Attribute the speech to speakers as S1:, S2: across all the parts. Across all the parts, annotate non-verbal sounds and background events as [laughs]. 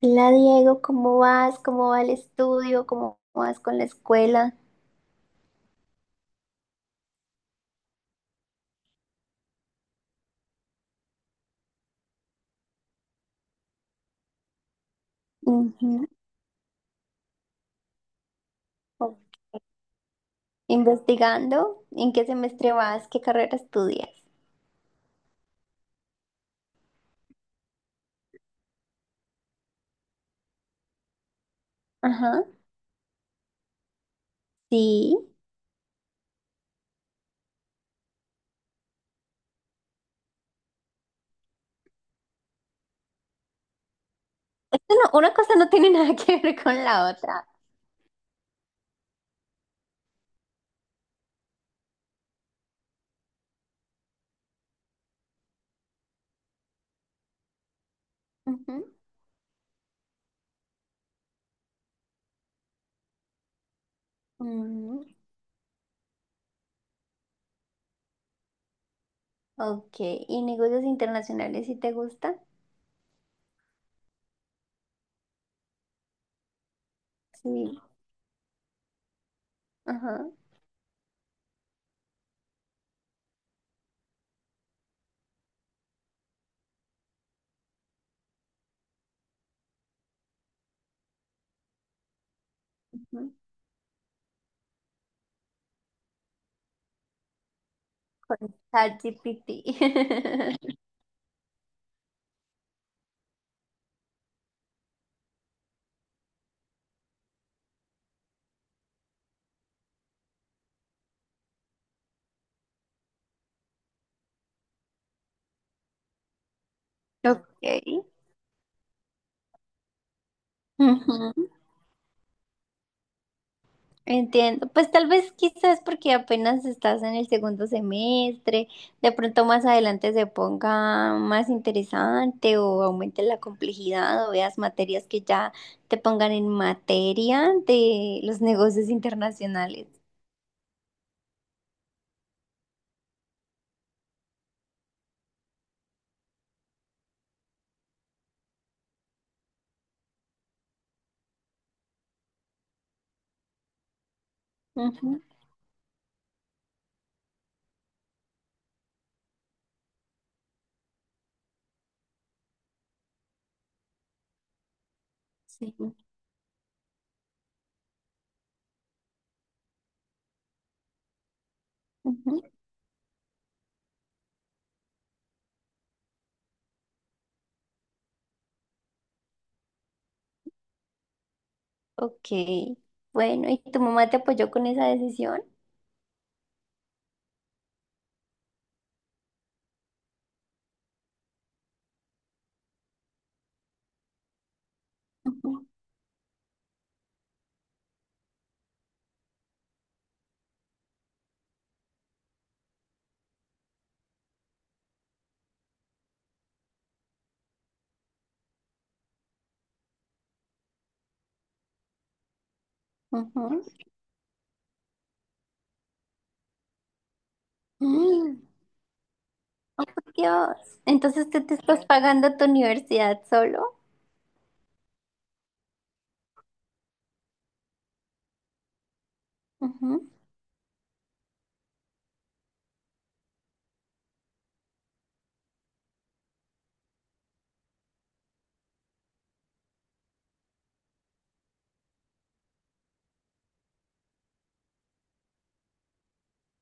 S1: Hola Diego, ¿cómo vas? ¿Cómo va el estudio? ¿Cómo vas con la escuela? Ujú. ¿Investigando? ¿En qué semestre vas? ¿Qué carrera estudias? Ajá, sí. Esto no- Una cosa no tiene [laughs] nada que ver con la otra. Ujú. Mm. Ok, ¿y negocios internacionales si te gusta? Sí. Ajá. Ujú. Con ChatGPT. [laughs] Ok. Ujú. Entiendo, pues tal vez quizás porque apenas estás en el segundo semestre, de pronto más adelante se ponga más interesante o aumente la complejidad o veas materias que ya te pongan en materia de los negocios internacionales. Ujú, sí, ujú, ok. Bueno, ¿y tu mamá te apoyó con esa decisión? Ujú, ujú. Mm. Oh, por Dios. Entonces tú te estás pagando tu universidad solo.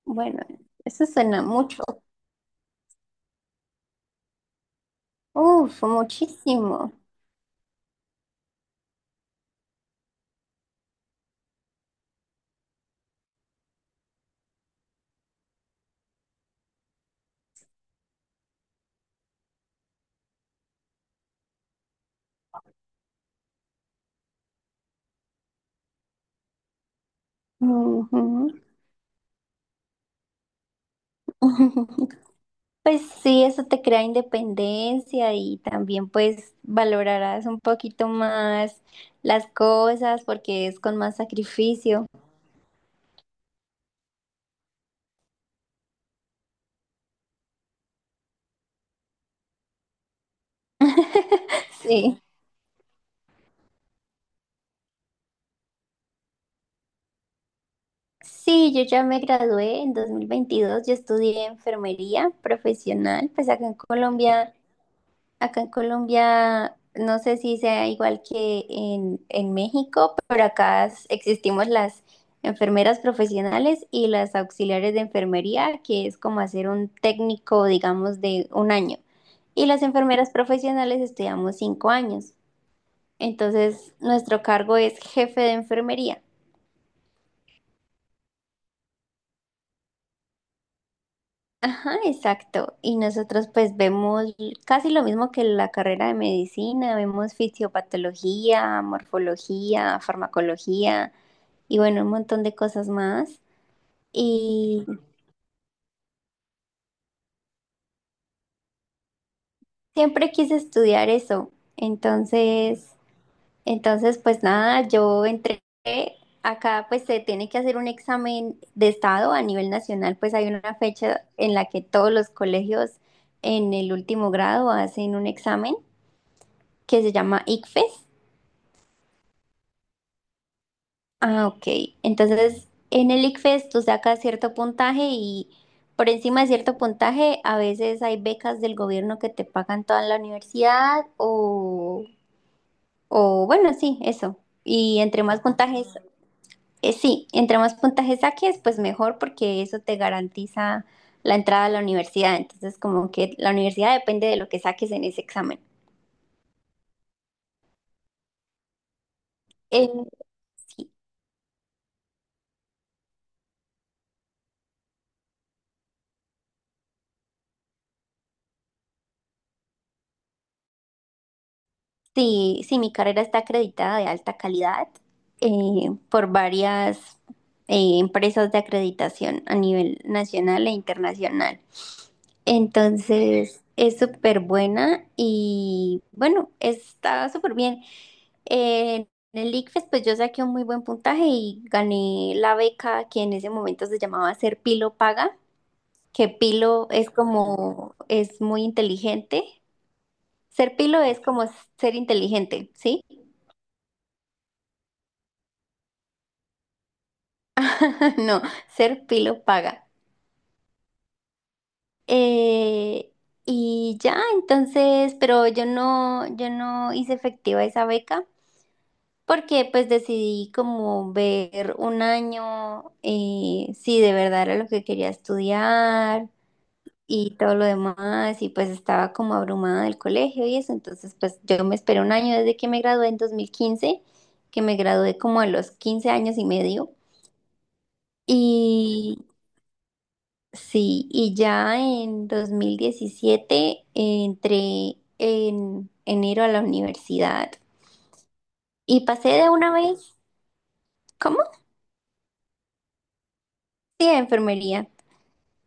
S1: Bueno, eso suena mucho. Uf, muchísimo. Ujú. [laughs] Pues sí, eso te crea independencia y también pues valorarás un poquito más las cosas porque es con más sacrificio. Sí. Sí, yo ya me gradué en 2022. Yo estudié enfermería profesional, pues acá en Colombia. Acá en Colombia, no sé si sea igual que en México, pero acá existimos las enfermeras profesionales y las auxiliares de enfermería, que es como hacer un técnico, digamos, de un año. Y las enfermeras profesionales estudiamos 5 años. Entonces, nuestro cargo es jefe de enfermería. Ajá, exacto. Y nosotros pues vemos casi lo mismo que la carrera de medicina, vemos fisiopatología, morfología, farmacología y bueno, un montón de cosas más. Y siempre quise estudiar eso. Entonces, entonces pues nada, yo entré, acá pues se tiene que hacer un examen de estado a nivel nacional, pues hay una fecha en la que todos los colegios en el último grado hacen un examen que se llama ICFES. Ah, ok. Entonces, en el ICFES tú sacas cierto puntaje y por encima de cierto puntaje a veces hay becas del gobierno que te pagan toda la universidad o bueno, sí, eso. Y entre más puntajes, sí, entre más puntajes saques, pues mejor porque eso te garantiza la entrada a la universidad. Entonces, como que la universidad depende de lo que saques en ese examen. Sí, sí, mi carrera está acreditada de alta calidad eh, por varias empresas de acreditación a nivel nacional e internacional. Entonces, es súper buena y bueno, está súper bien. Eh, en el ICFES, pues yo saqué un muy buen puntaje y gané la beca que en ese momento se llamaba Ser Pilo Paga, que Pilo es como, es muy inteligente. Ser Pilo es como ser inteligente, ¿sí? [laughs] No, ser pilo paga. Eh, y ya, entonces, pero yo no hice efectiva esa beca porque pues decidí como ver un año si de verdad era lo que quería estudiar y todo lo demás y pues estaba como abrumada del colegio y eso, entonces pues yo me esperé un año desde que me gradué en 2015, que me gradué como a los 15 años y medio. Y, sí, y ya en 2017 entré en enero a la universidad y pasé de una vez. ¿Cómo? Sí, a enfermería.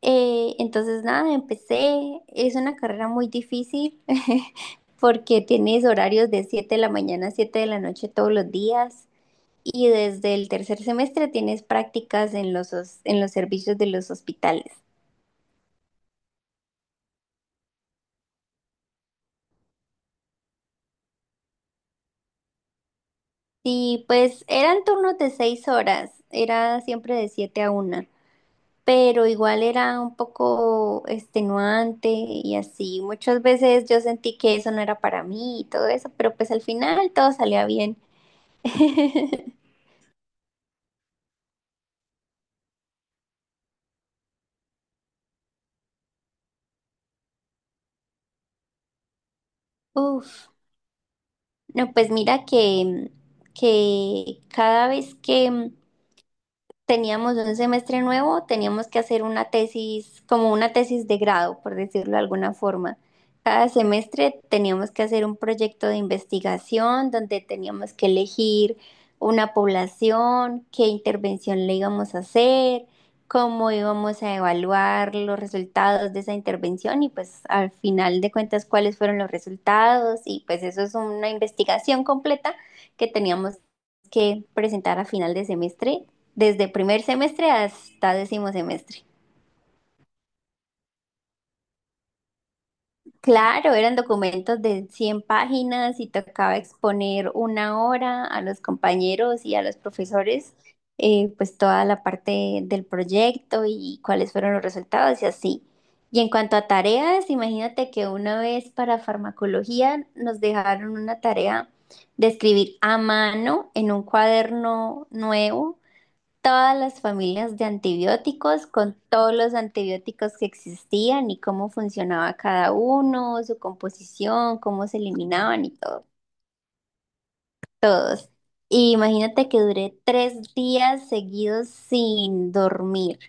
S1: Entonces, nada, empecé. Es una carrera muy difícil [laughs] porque tienes horarios de 7 de la mañana a 7 de la noche todos los días y desde el tercer semestre tienes prácticas en los servicios de los hospitales. Y pues eran turnos de 6 horas, era siempre de 7 a 1. Pero igual era un poco extenuante y así. Muchas veces yo sentí que eso no era para mí y todo eso, pero pues al final todo salía bien. [laughs] Uf, no, pues mira que, cada vez que teníamos un semestre nuevo, teníamos que hacer una tesis, como una tesis de grado, por decirlo de alguna forma. Cada semestre teníamos que hacer un proyecto de investigación donde teníamos que elegir una población, qué intervención le íbamos a hacer, cómo íbamos a evaluar los resultados de esa intervención y pues al final de cuentas cuáles fueron los resultados y pues eso es una investigación completa que teníamos que presentar a final de semestre desde primer semestre hasta décimo semestre. Claro, eran documentos de 100 páginas y tocaba exponer una hora a los compañeros y a los profesores, pues toda la parte del proyecto y cuáles fueron los resultados y así. Y en cuanto a tareas, imagínate que una vez para farmacología nos dejaron una tarea de escribir a mano en un cuaderno nuevo todas las familias de antibióticos, con todos los antibióticos que existían y cómo funcionaba cada uno, su composición, cómo se eliminaban y todo, todos. Y imagínate que duré 3 días seguidos sin dormir.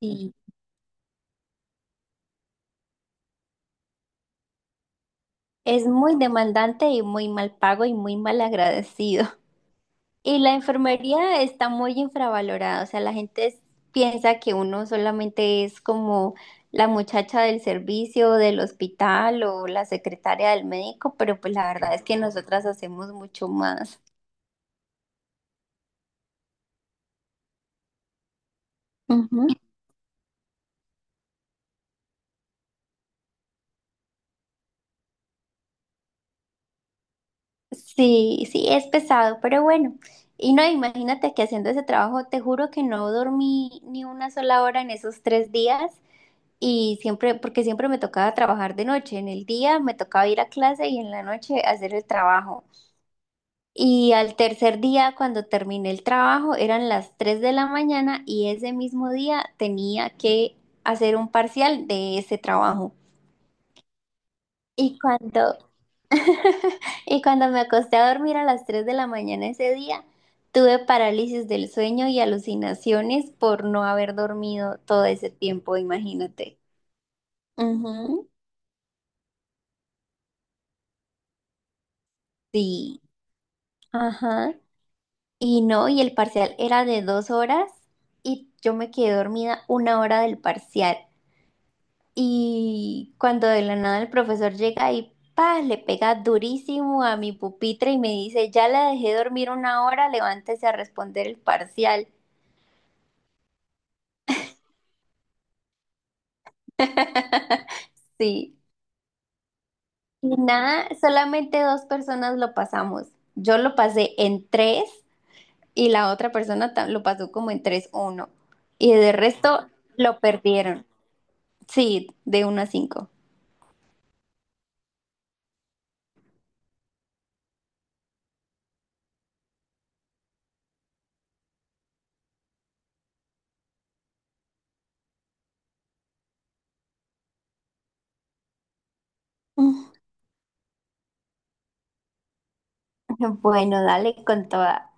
S1: Y es muy demandante y muy mal pago y muy mal agradecido. Y la enfermería está muy infravalorada, o sea, la gente piensa que uno solamente es como la muchacha del servicio, del hospital o la secretaria del médico, pero pues la verdad es que nosotras hacemos mucho más. Ujú. Sí, sí, es pesado, pero bueno. Y no, imagínate que haciendo ese trabajo, te juro que no dormí ni una sola hora en esos 3 días y siempre, porque siempre me tocaba trabajar de noche, en el día me tocaba ir a clase y en la noche hacer el trabajo. Y al tercer día, cuando terminé el trabajo, eran las 3 de la mañana y ese mismo día tenía que hacer un parcial de ese trabajo. Y cuando, [laughs] y cuando me acosté a dormir a las 3 de la mañana ese día, tuve parálisis del sueño y alucinaciones por no haber dormido todo ese tiempo, imagínate. Ujú. Sí, ajá. Y no, y el parcial era de 2 horas y yo me quedé dormida una hora del parcial. Y cuando de la nada el profesor llega y ¡pah! Le pega durísimo a mi pupitre y me dice, ya la dejé dormir una hora, levántese a responder el parcial. [laughs] Sí. Y nada, solamente dos personas lo pasamos. Yo lo pasé en tres y la otra persona lo pasó como en 3,1. Y de resto lo perdieron. Sí, de 1 a 5. [laughs] Bueno, dale con toda.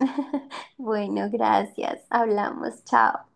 S1: [laughs] Bueno, gracias. Hablamos. Chao.